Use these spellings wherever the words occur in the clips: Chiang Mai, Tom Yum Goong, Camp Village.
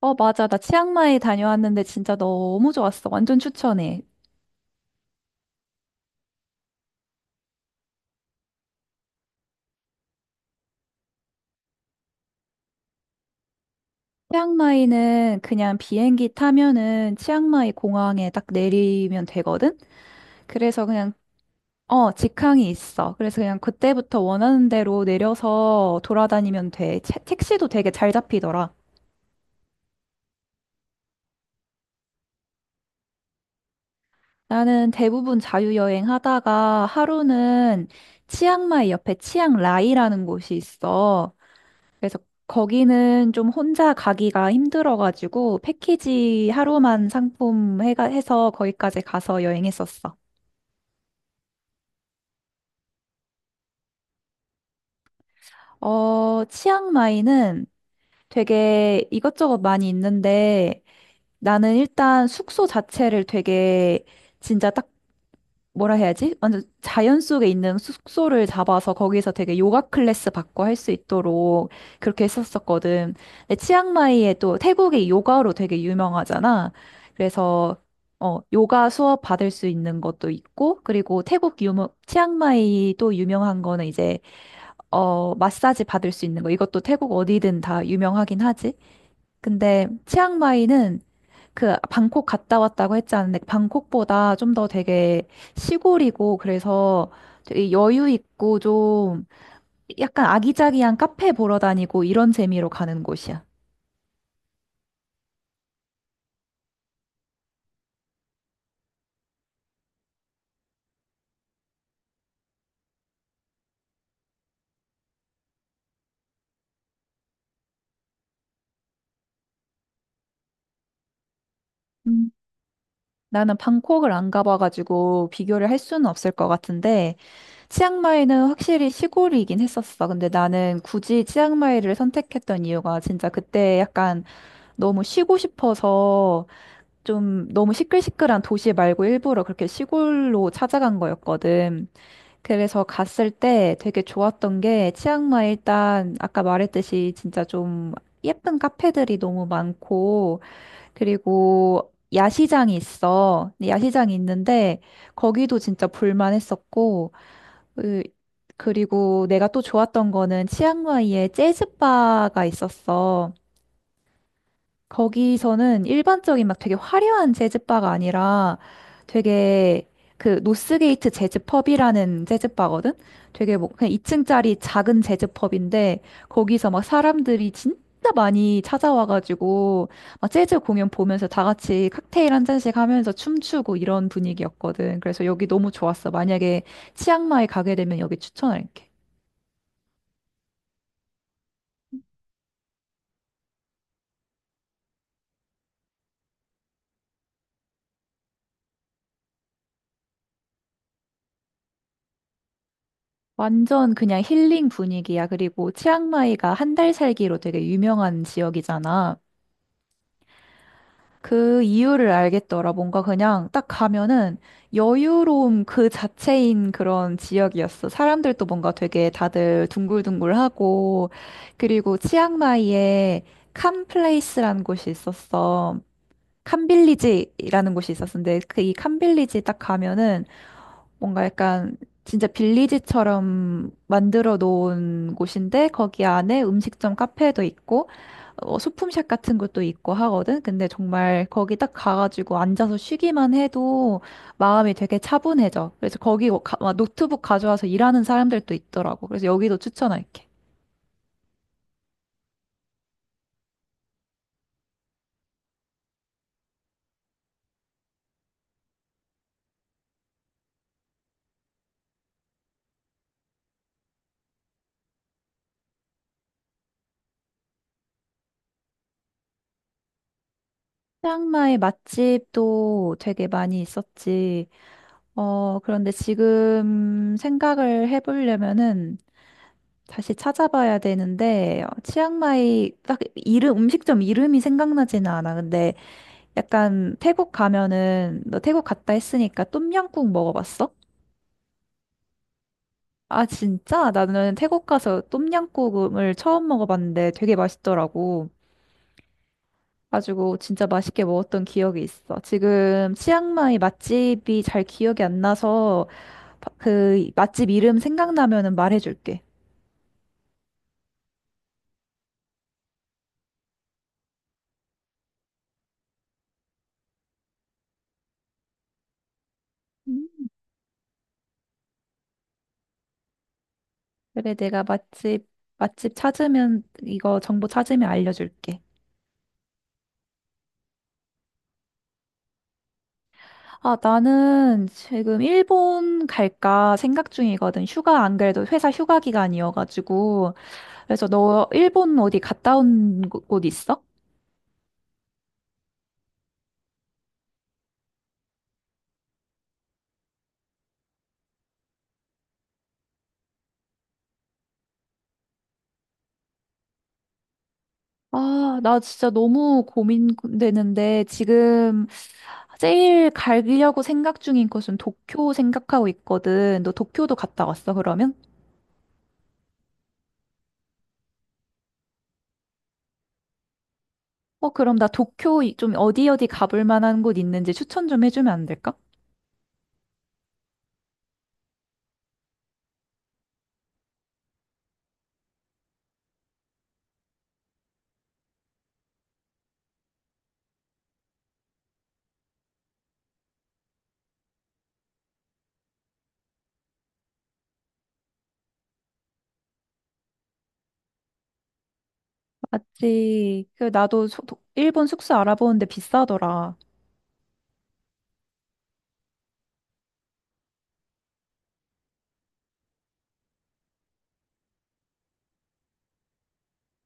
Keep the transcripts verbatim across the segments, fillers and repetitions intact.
어, 맞아. 나 치앙마이 다녀왔는데 진짜 너무 좋았어. 완전 추천해. 치앙마이는 그냥 비행기 타면은 치앙마이 공항에 딱 내리면 되거든? 그래서 그냥, 어, 직항이 있어. 그래서 그냥 그때부터 원하는 대로 내려서 돌아다니면 돼. 채- 택시도 되게 잘 잡히더라. 나는 대부분 자유여행 하다가 하루는 치앙마이 옆에 치앙라이라는 곳이 있어. 그래서 거기는 좀 혼자 가기가 힘들어가지고 패키지 하루만 상품 해가, 해서 거기까지 가서 여행했었어. 어, 치앙마이는 되게 이것저것 많이 있는데 나는 일단 숙소 자체를 되게 진짜 딱 뭐라 해야지? 완전 자연 속에 있는 숙소를 잡아서 거기서 되게 요가 클래스 받고 할 수 있도록 그렇게 했었었거든. 근데 치앙마이에 또 태국이 요가로 되게 유명하잖아. 그래서 어, 요가 수업 받을 수 있는 것도 있고, 그리고 태국 유명, 치앙마이 또 유명한 거는 이제, 어, 마사지 받을 수 있는 거. 이것도 태국 어디든 다 유명하긴 하지. 근데 치앙마이는 그 방콕 갔다 왔다고 했지 않은데 방콕보다 좀 더 되게 시골이고 그래서 되게 여유 있고 좀 약간 아기자기한 카페 보러 다니고 이런 재미로 가는 곳이야. 음. 나는 방콕을 안 가봐가지고 비교를 할 수는 없을 것 같은데 치앙마이는 확실히 시골이긴 했었어. 근데 나는 굳이 치앙마이를 선택했던 이유가 진짜 그때 약간 너무 쉬고 싶어서 좀 너무 시끌시끌한 도시 말고 일부러 그렇게 시골로 찾아간 거였거든. 그래서 갔을 때 되게 좋았던 게 치앙마이 일단 아까 말했듯이 진짜 좀 예쁜 카페들이 너무 많고 그리고 야시장이 있어. 근데 야시장이 있는데 거기도 진짜 볼만했었고 으, 그리고 내가 또 좋았던 거는 치앙마이에 재즈바가 있었어. 거기서는 일반적인 막 되게 화려한 재즈바가 아니라 되게 그 노스게이트 재즈펍이라는 재즈바거든? 되게 뭐 그냥 이 층짜리 작은 재즈펍인데 거기서 막 사람들이 진짜 많이 찾아와가지고 막 재즈 공연 보면서 다 같이 칵테일 한 잔씩 하면서 춤추고 이런 분위기였거든. 그래서 여기 너무 좋았어. 만약에 치앙마이 가게 되면 여기 추천할게. 완전 그냥 힐링 분위기야. 그리고 치앙마이가 한 달 살기로 되게 유명한 지역이잖아. 그 이유를 알겠더라. 뭔가 그냥 딱 가면은 여유로움 그 자체인 그런 지역이었어. 사람들도 뭔가 되게 다들 둥글둥글하고, 그리고 치앙마이에 캄플레이스라는 곳이 있었어. 캄빌리지라는 곳이 있었는데, 그 이 캄빌리지 딱 가면은 뭔가 약간 진짜 빌리지처럼 만들어 놓은 곳인데 거기 안에 음식점 카페도 있고 어, 소품샵 같은 것도 있고 하거든. 근데 정말 거기 딱 가가지고 앉아서 쉬기만 해도 마음이 되게 차분해져. 그래서 거기 가- 막 노트북 가져와서 일하는 사람들도 있더라고. 그래서 여기도 추천할게. 치앙마이 맛집도 되게 많이 있었지. 어, 그런데 지금 생각을 해보려면은 다시 찾아봐야 되는데 어, 치앙마이 딱 이름 음식점 이름이 생각나지는 않아. 근데 약간 태국 가면은 너 태국 갔다 했으니까 똠양꿍 먹어봤어? 아 진짜? 나는 태국 가서 똠양꿍을 처음 먹어봤는데 되게 맛있더라고. 가지고 진짜 맛있게 먹었던 기억이 있어. 지금 치앙마이 맛집이 잘 기억이 안 나서 바- 그 맛집 이름 생각나면은 말해줄게. 그래, 내가 맛집, 맛집 찾으면, 이거 정보 찾으면 알려줄게. 아, 나는 지금 일본 갈까 생각 중이거든. 휴가, 안 그래도 회사 휴가 기간이어가지고. 그래서 너 일본 어디 갔다 온 곳 있어? 아, 나 진짜 너무 고민되는데, 지금 제일 가려고 생각 중인 곳은 도쿄 생각하고 있거든. 너 도쿄도 갔다 왔어, 그러면? 어, 그럼 나 도쿄 이- 좀 어디 어디 가볼 만한 곳 있는지 추천 좀 해주면 안 될까? 맞지. 그 나도 소- 도- 일본 숙소 알아보는데 비싸더라.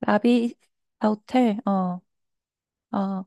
라비스 호텔. 어. 어.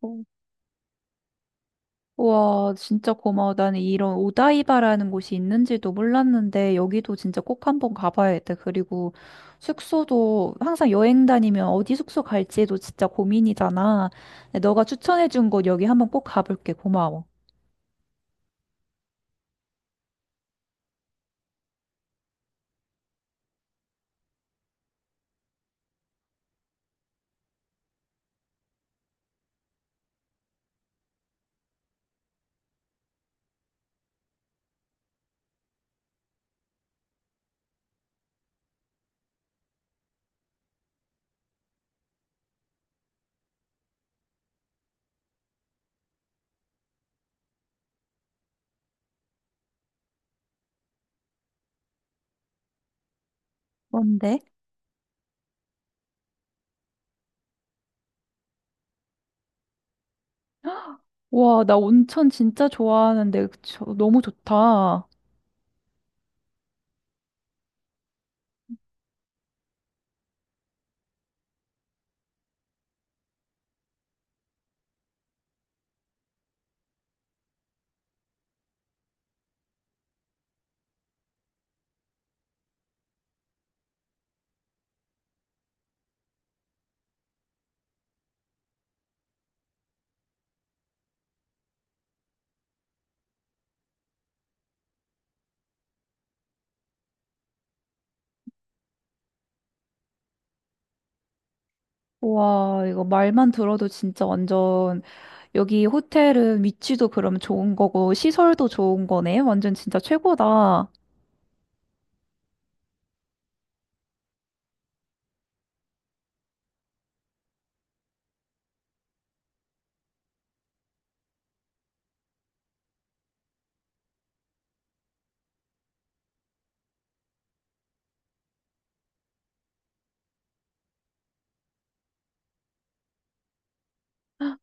어. 와, 진짜 고마워. 나는 이런 오다이바라는 곳이 있는지도 몰랐는데, 여기도 진짜 꼭 한번 가봐야겠다. 그리고 숙소도 항상 여행 다니면 어디 숙소 갈지도 진짜 고민이잖아. 근데 너가 추천해준 곳 여기 한번 꼭 가볼게. 고마워. 뭔데? 와, 나 온천 진짜 좋아하는데, 저- 너무 좋다. 와, 이거 말만 들어도 진짜 완전, 여기 호텔은 위치도 그럼 좋은 거고, 시설도 좋은 거네. 완전 진짜 최고다.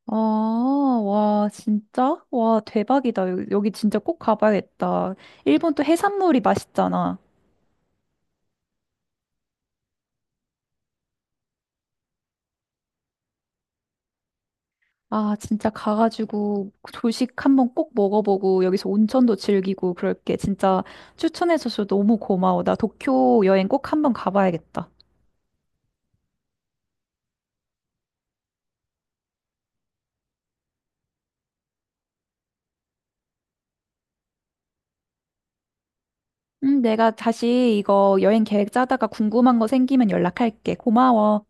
아, 와, 진짜? 와, 대박이다. 여- 여기 진짜 꼭 가봐야겠다. 일본 또 해산물이 맛있잖아. 아, 진짜 가가지고 조식 한번 꼭 먹어보고 여기서 온천도 즐기고 그럴게. 진짜 추천해줘서 너무 고마워. 나 도쿄 여행 꼭 한번 가봐야겠다. 음, 내가 다시 이거 여행 계획 짜다가 궁금한 거 생기면 연락할게. 고마워.